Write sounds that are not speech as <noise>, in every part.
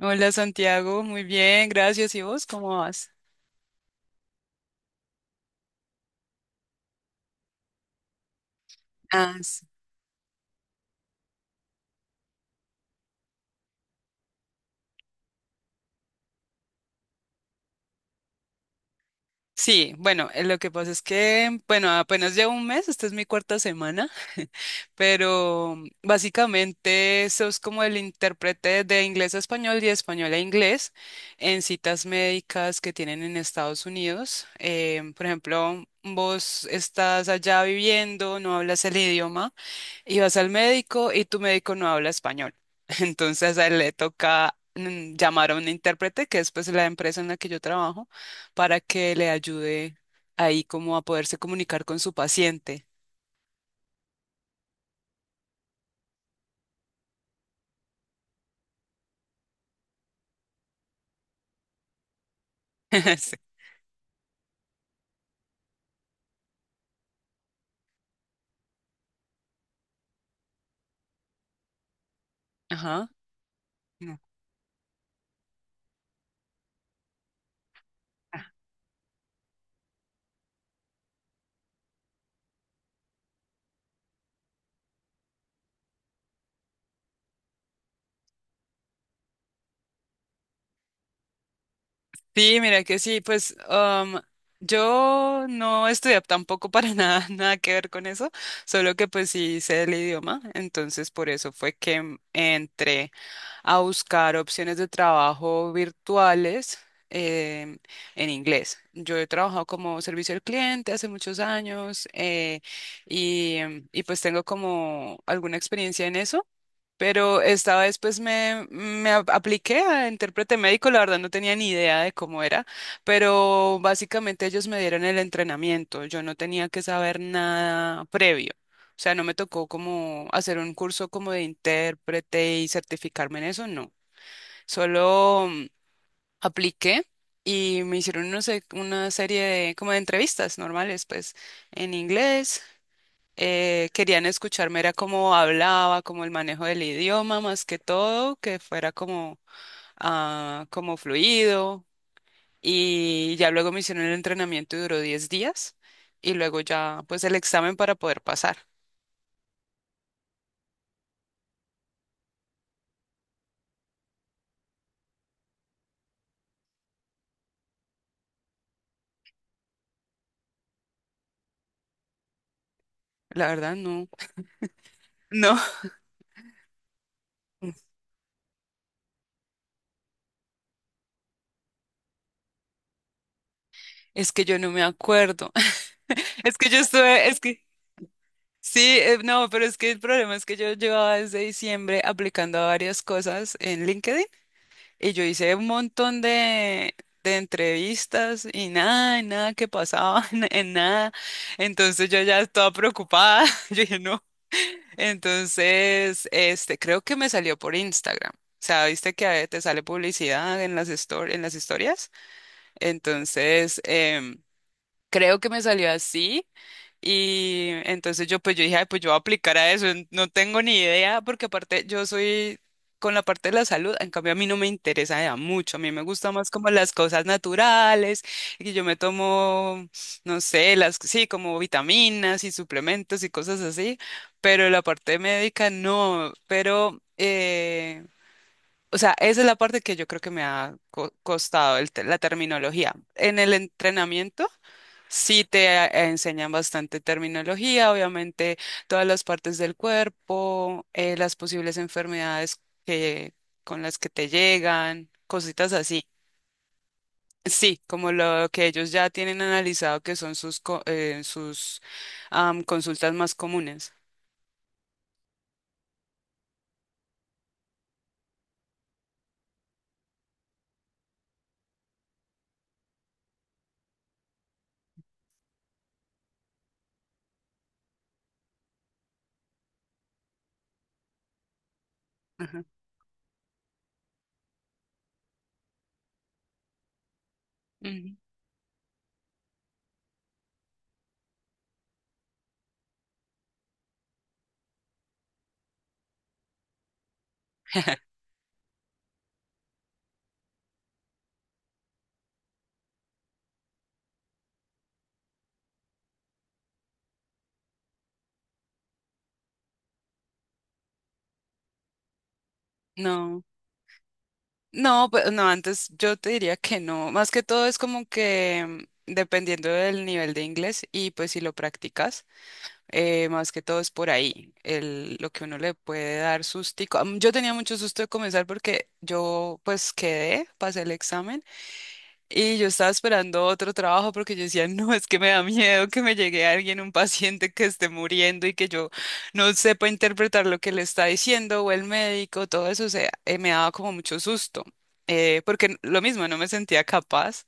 Hola Santiago, muy bien, gracias. ¿Y vos cómo vas? Ah, sí. Sí, bueno, lo que pasa es que, bueno, apenas llevo 1 mes, esta es mi cuarta semana, <laughs> pero básicamente sos como el intérprete de inglés a español y español a inglés en citas médicas que tienen en Estados Unidos. Por ejemplo, vos estás allá viviendo, no hablas el idioma. Y vas al médico y tu médico no habla español. <laughs> Entonces a él le toca llamar a un intérprete, que es pues la empresa en la que yo trabajo, para que le ayude ahí como a poderse comunicar con su paciente. <laughs> Sí. Ajá. No. Sí, mira que sí, pues yo no estudié tampoco para nada, <laughs> nada que ver con eso, solo que pues sí sé el idioma, entonces por eso fue que entré a buscar opciones de trabajo virtuales, em, en inglés. Yo he trabajado como servicio al cliente hace muchos años, y, y pues tengo como alguna experiencia en eso. Pero esta vez pues apliqué a intérprete médico, la verdad no tenía ni idea de cómo era, pero básicamente ellos me dieron el entrenamiento, yo no tenía que saber nada previo, o sea, no me tocó como hacer un curso como de intérprete y certificarme en eso, no, solo apliqué y me hicieron no sé, una serie de como de entrevistas normales pues en inglés. Querían escucharme, era cómo hablaba, como el manejo del idioma, más que todo, que fuera como, ah, como fluido. Y ya luego me hicieron el entrenamiento y duró 10 días. Y luego ya, pues el examen para poder pasar. La verdad, no. No, <laughs> es que yo no me acuerdo. <laughs> Es que yo estuve, es que sí, no, pero es que el problema es que yo llevaba desde diciembre aplicando a varias cosas en LinkedIn. Y yo hice un montón de entrevistas y nada que pasaba, <laughs> en nada. Entonces yo ya estaba preocupada. <laughs> Yo dije, no. Entonces, este, creo que me salió por Instagram. O sea, viste que a veces te sale publicidad en las, en las historias. Entonces, creo que me salió así. Y entonces yo pues yo dije, "Ay, pues yo voy a aplicar a eso, no tengo ni idea, porque aparte yo soy con la parte de la salud, en cambio a mí no me interesa ya mucho, a mí me gusta más como las cosas naturales, y yo me tomo, no sé, las, sí, como vitaminas y suplementos y cosas así, pero la parte médica no, pero, o sea, esa es la parte que yo creo que me ha costado el la terminología. En el entrenamiento. Sí te enseñan bastante terminología, obviamente todas las partes del cuerpo, las posibles enfermedades que, con las que te llegan, cositas así. Sí, como lo que ellos ya tienen analizado que son sus, sus consultas más comunes. Ajá. Ujú. No, no, pues no, antes yo te diría que no. Más que todo es como que dependiendo del nivel de inglés y pues si lo practicas. Más que todo es por ahí, el, lo que uno le puede dar sustico. Yo tenía mucho susto de comenzar porque yo pues quedé, pasé el examen y yo estaba esperando otro trabajo porque yo decía, no, es que me da miedo que me llegue alguien, un paciente que esté muriendo y que yo no sepa interpretar lo que le está diciendo o el médico, todo eso, o sea, me daba como mucho susto. Porque lo mismo, no me sentía capaz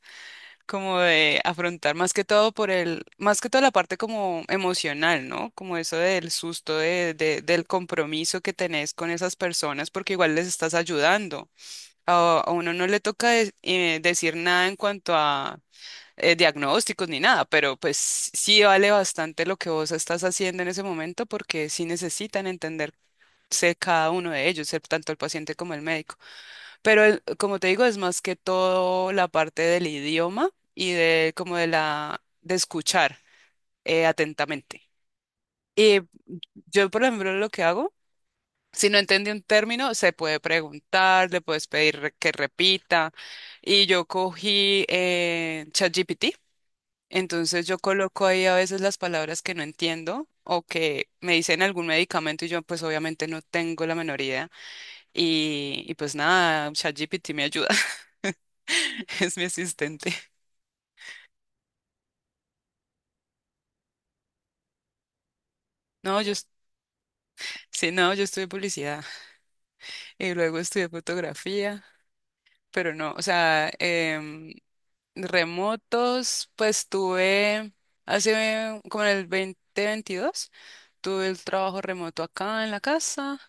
como de afrontar más que todo por el, más que toda la parte como emocional, ¿no? Como eso del susto, de, del compromiso que tenés con esas personas, porque igual les estás ayudando. A uno no le toca decir nada en cuanto a diagnósticos ni nada, pero pues sí vale bastante lo que vos estás haciendo en ese momento, porque sí necesitan entenderse cada uno de ellos, tanto el paciente como el médico. Pero como te digo, es más que todo la parte del idioma y de como de la de escuchar atentamente. Y yo, por ejemplo, lo que hago, si no entiende un término, se puede preguntar, le puedes pedir que repita. Y yo cogí ChatGPT, entonces yo coloco ahí a veces las palabras que no entiendo o que me dicen algún medicamento y yo pues obviamente no tengo la menor idea. Y pues nada, ChatGPT me ayuda. <laughs> Es mi asistente. No, yo, sí, no, yo estudié publicidad y luego estudié fotografía, pero no, o sea, remotos, pues tuve hace como en el 2022, tuve el trabajo remoto acá en la casa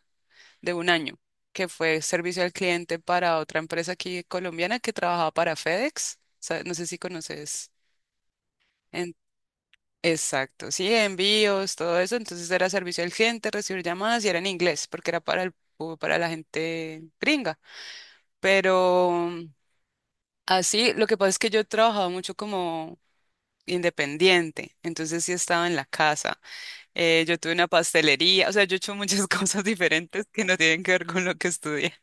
de 1 año, que fue servicio al cliente para otra empresa aquí colombiana que trabajaba para FedEx. O sea, no sé si conoces. Exacto, sí, envíos, todo eso. Entonces era servicio al cliente, recibir llamadas y era en inglés porque era para el, para la gente gringa. Pero así, lo que pasa es que yo he trabajado mucho como independiente, entonces sí estaba en la casa. Yo tuve una pastelería, o sea, yo he hecho muchas <laughs> cosas diferentes que no tienen que ver con lo que estudié.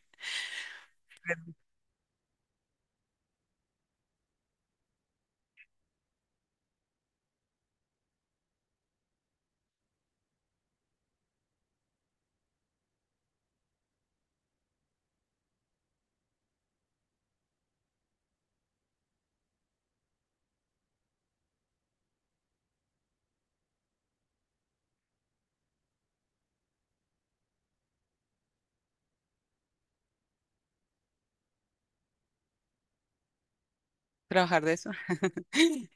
Trabajar de eso. <laughs>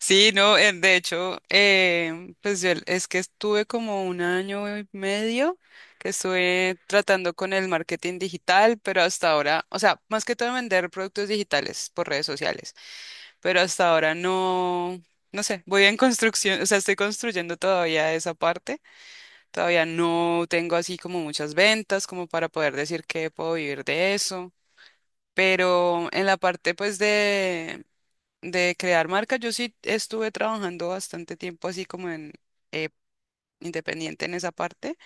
Sí, no, de hecho, pues yo es que estuve como 1 año y medio que estuve tratando con el marketing digital, pero hasta ahora, o sea, más que todo vender productos digitales por redes sociales, pero hasta ahora no, no sé, voy en construcción, o sea, estoy construyendo todavía esa parte, todavía no tengo así como muchas ventas como para poder decir que puedo vivir de eso. Pero en la parte pues de crear marca, yo sí estuve trabajando bastante tiempo así como en eh, independiente en esa parte,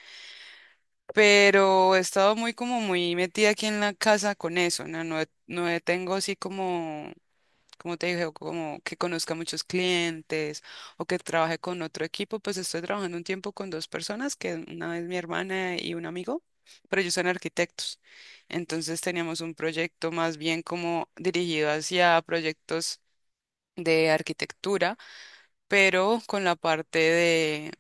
pero he estado muy como muy metida aquí en la casa con eso, ¿no? No, tengo así como, como te dije, como que conozca muchos clientes o que trabaje con otro equipo, pues estoy trabajando un tiempo con 2 personas, que una es mi hermana y un amigo, pero ellos son arquitectos. Entonces teníamos un proyecto más bien como dirigido hacia proyectos de arquitectura pero con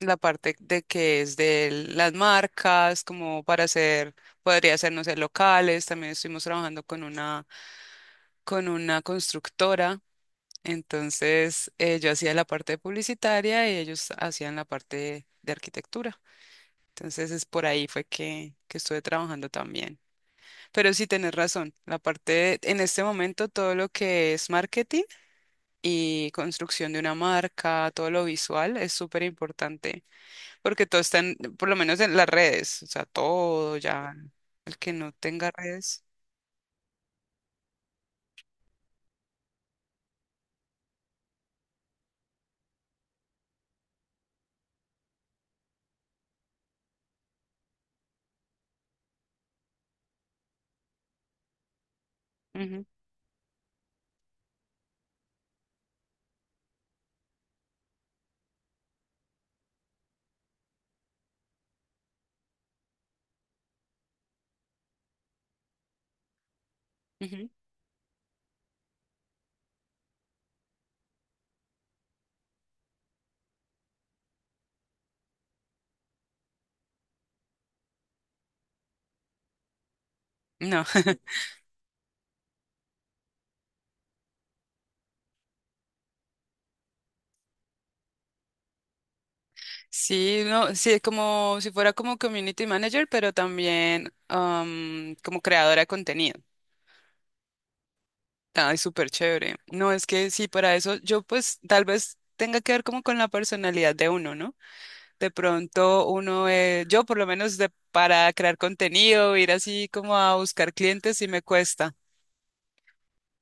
la parte de que es de las marcas, como para hacer, podría ser, no sé, locales, también estuvimos trabajando con una constructora, entonces yo hacía la parte publicitaria y ellos hacían la parte de arquitectura. Entonces es por ahí fue que estuve trabajando también. Pero sí tenés razón, la parte, en este momento todo lo que es marketing y construcción de una marca, todo lo visual es súper importante. Porque todo está en, por lo menos en las redes, o sea, todo ya, el que no tenga redes. Ujú, ujú, no, <laughs> sí, no, sí, como si fuera como community manager, pero también como creadora de contenido. Ay, súper chévere. No, es que sí, para eso yo pues tal vez tenga que ver como con la personalidad de uno, ¿no? De pronto uno, yo por lo menos de, para crear contenido, ir así como a buscar clientes, sí me cuesta.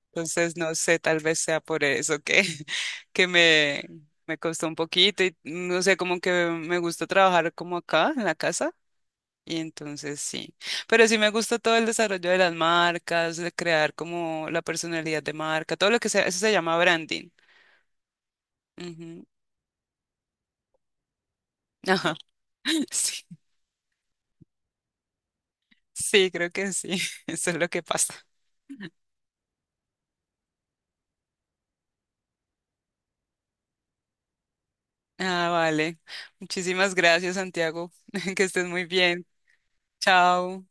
Entonces, no sé, tal vez sea por eso que, <laughs> que me costó un poquito y no sé, como que me gusta trabajar como acá en la casa y entonces sí, pero sí me gusta todo el desarrollo de las marcas, de crear como la personalidad de marca, todo lo que sea, eso se llama branding. Ujú. Ajá, <laughs> sí, sí, creo que sí, <laughs> eso es lo que pasa. Ah, vale. Muchísimas gracias, Santiago, <laughs> que estés muy bien. Chao.